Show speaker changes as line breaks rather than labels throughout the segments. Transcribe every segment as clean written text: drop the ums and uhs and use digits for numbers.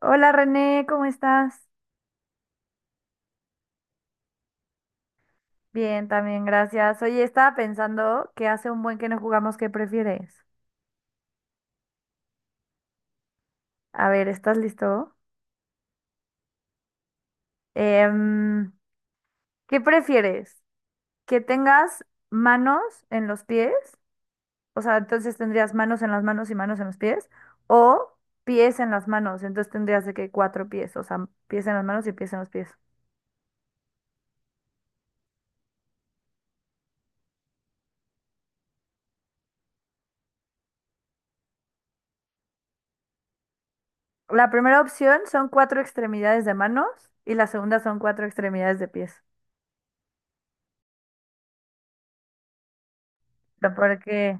Hola René, ¿cómo estás? Bien, también, gracias. Oye, estaba pensando que hace un buen que no jugamos, ¿qué prefieres? A ver, ¿estás listo? Em, ¿Qué prefieres? ¿Que tengas manos en los pies? O sea, entonces tendrías manos en las manos y manos en los pies. O pies en las manos, entonces tendrías de que cuatro pies, o sea, pies en las manos y pies en los pies. La primera opción son cuatro extremidades de manos y la segunda son cuatro extremidades de pies. Porque,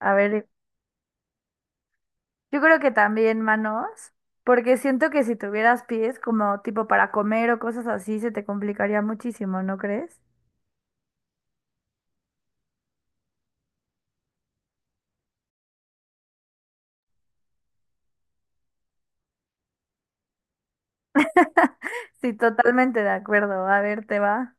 a ver, yo creo que también manos, porque siento que si tuvieras pies como tipo para comer o cosas así, se te complicaría muchísimo, ¿no crees? Sí, totalmente de acuerdo. A ver, te va.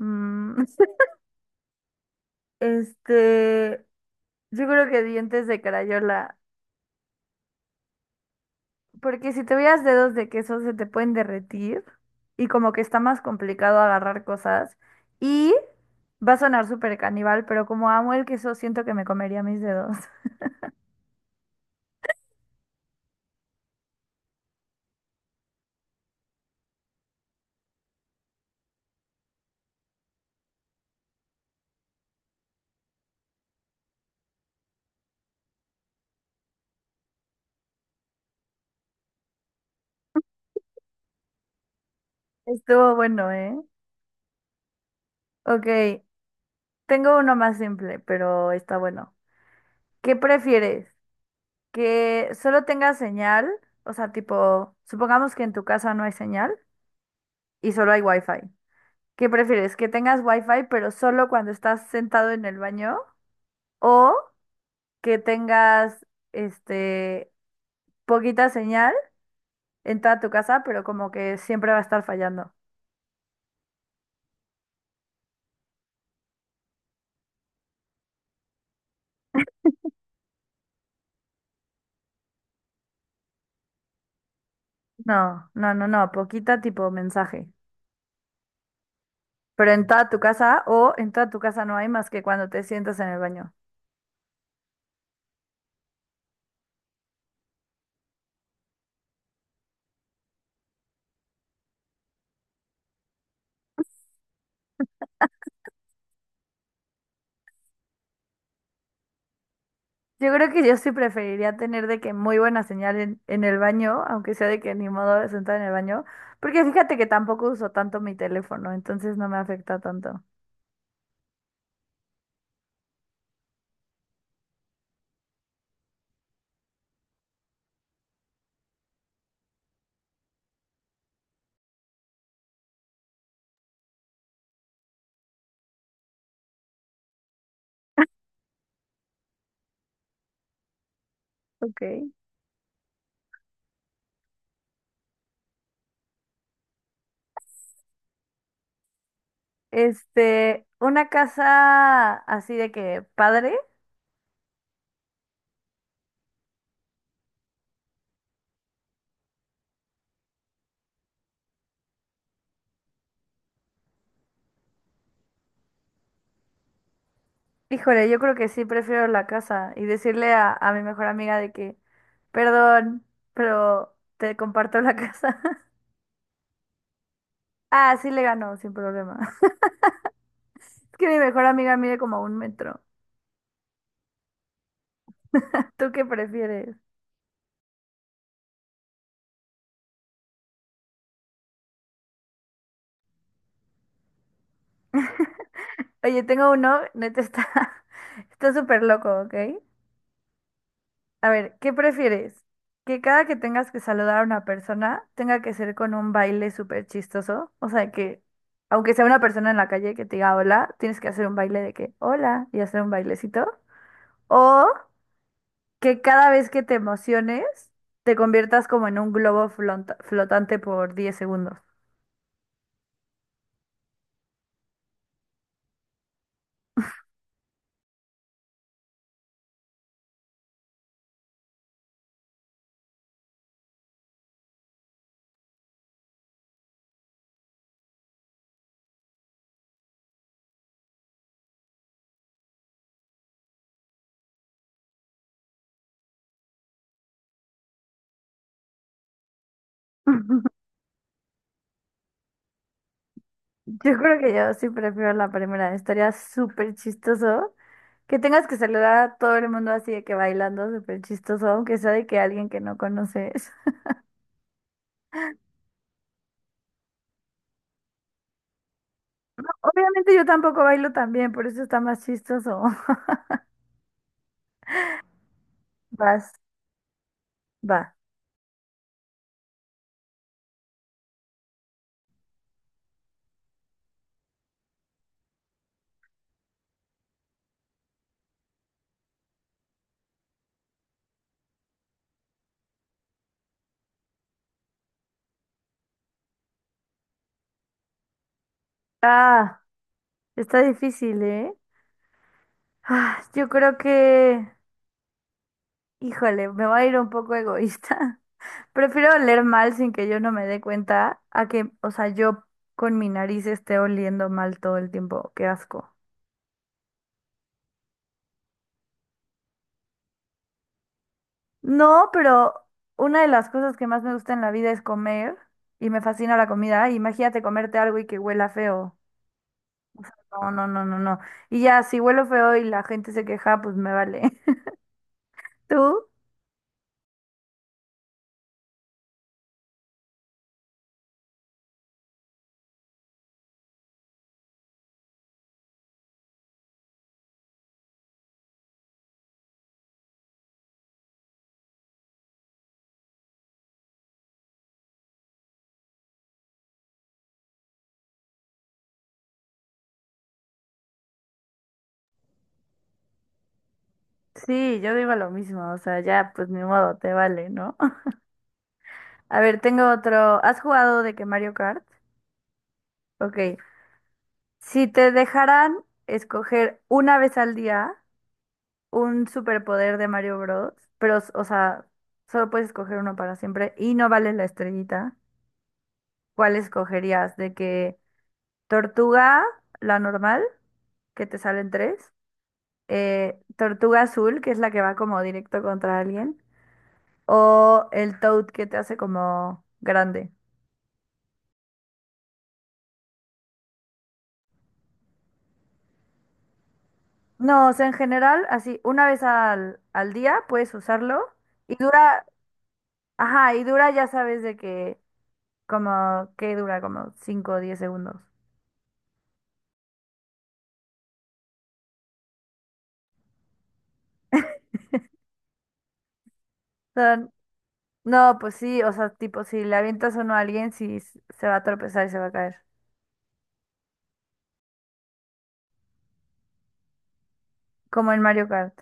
Mm, este, yo creo que dientes de crayola, porque si tuvieras dedos de queso se te pueden derretir y como que está más complicado agarrar cosas. Y va a sonar súper caníbal, pero como amo el queso, siento que me comería mis dedos. Estuvo bueno, ¿eh? Ok, tengo uno más simple, pero está bueno. ¿Qué prefieres? ¿Que solo tenga señal? O sea, tipo, supongamos que en tu casa no hay señal y solo hay wifi. ¿Qué prefieres? ¿Que tengas wifi pero solo cuando estás sentado en el baño? ¿O que tengas, este, poquita señal en toda tu casa, pero como que siempre va a estar fallando? No, no, no, no, poquita tipo mensaje. Pero en toda tu casa o en toda tu casa no hay más que cuando te sientas en el baño. Yo creo que yo sí preferiría tener de que muy buena señal en el baño, aunque sea de que ni modo de sentar en el baño, porque fíjate que tampoco uso tanto mi teléfono, entonces no me afecta tanto. Ok. Este, una casa así de que padre, híjole, yo creo que sí prefiero la casa y decirle a mi mejor amiga de que, perdón, pero te comparto la casa. Ah, sí le ganó, sin problema. Es que mi mejor amiga mide como un metro. ¿Tú qué prefieres? Oye, tengo uno, neta está, está súper loco, ¿ok? A ver, ¿qué prefieres? ¿Que cada que tengas que saludar a una persona tenga que ser con un baile súper chistoso? O sea, que aunque sea una persona en la calle que te diga hola, tienes que hacer un baile de que hola y hacer un bailecito. O que cada vez que te emociones te conviertas como en un globo flotante por 10 segundos. Yo creo que yo sí prefiero la primera, estaría súper chistoso. Que tengas que saludar a todo el mundo así de que bailando súper chistoso, aunque sea de que alguien que no conoces. Obviamente yo tampoco bailo tan bien, por eso está más chistoso. Vas, va. Ah, está difícil, ¿eh? Ah, yo creo que, híjole, me voy a ir un poco egoísta. Prefiero oler mal sin que yo no me dé cuenta a que, o sea, yo con mi nariz esté oliendo mal todo el tiempo. Qué asco. No, pero una de las cosas que más me gusta en la vida es comer y me fascina la comida. Imagínate comerte algo y que huela feo. No, no, no, no, no. Y ya, si huelo feo y la gente se queja, pues me vale. ¿Tú? Sí, yo digo lo mismo. O sea, ya, pues ni modo, te vale, ¿no? A ver, tengo otro. ¿Has jugado de que Mario Kart? Ok. Si te dejaran escoger una vez al día un superpoder de Mario Bros, pero, o sea, solo puedes escoger uno para siempre y no vale la estrellita. ¿Cuál escogerías? De que tortuga, la normal, que te salen tres, tortuga azul, que es la que va como directo contra alguien, o el toad que te hace como grande. No, o sea, en general, así, una vez al día puedes usarlo y dura, ajá, y dura, ya sabes de que, como, que dura como 5 o 10 segundos. O sea, no, pues sí, o sea, tipo, si le avientas uno a alguien, se va a tropezar y se va a caer, como en Mario Kart.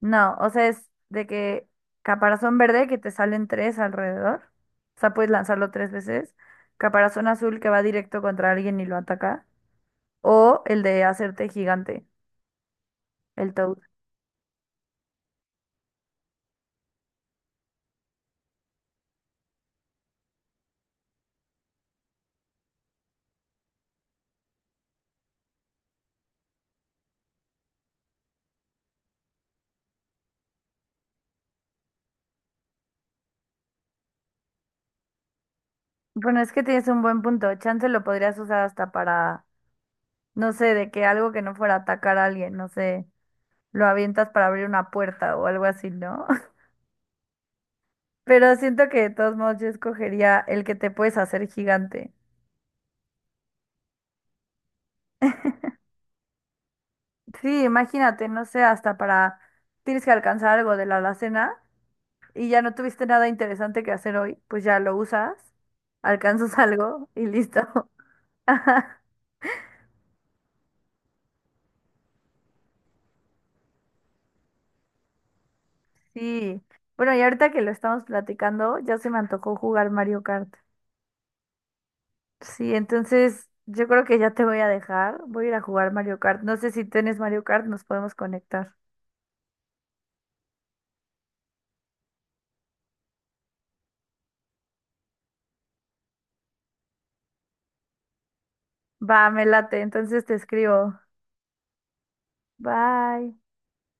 No, o sea, es de que caparazón verde que te salen tres alrededor. O sea, puedes lanzarlo tres veces. Caparazón azul que va directo contra alguien y lo ataca. O el de hacerte gigante, el Toad. Bueno, es que tienes un buen punto. Chance lo podrías usar hasta para, no sé, de que algo que no fuera a atacar a alguien, no sé, lo avientas para abrir una puerta o algo así, ¿no? Pero siento que de todos modos yo escogería el que te puedes hacer gigante. Sí, imagínate, no sé, hasta para, tienes que alcanzar algo de la alacena y ya no tuviste nada interesante que hacer hoy, pues ya lo usas, alcanzas algo y listo. Ajá, sí. Bueno, y ahorita que lo estamos platicando, ya se me antojó jugar Mario Kart. Sí, entonces yo creo que ya te voy a dejar, voy a ir a jugar Mario Kart. No sé si tienes Mario Kart, nos podemos conectar. Va, me late, entonces te escribo. Bye.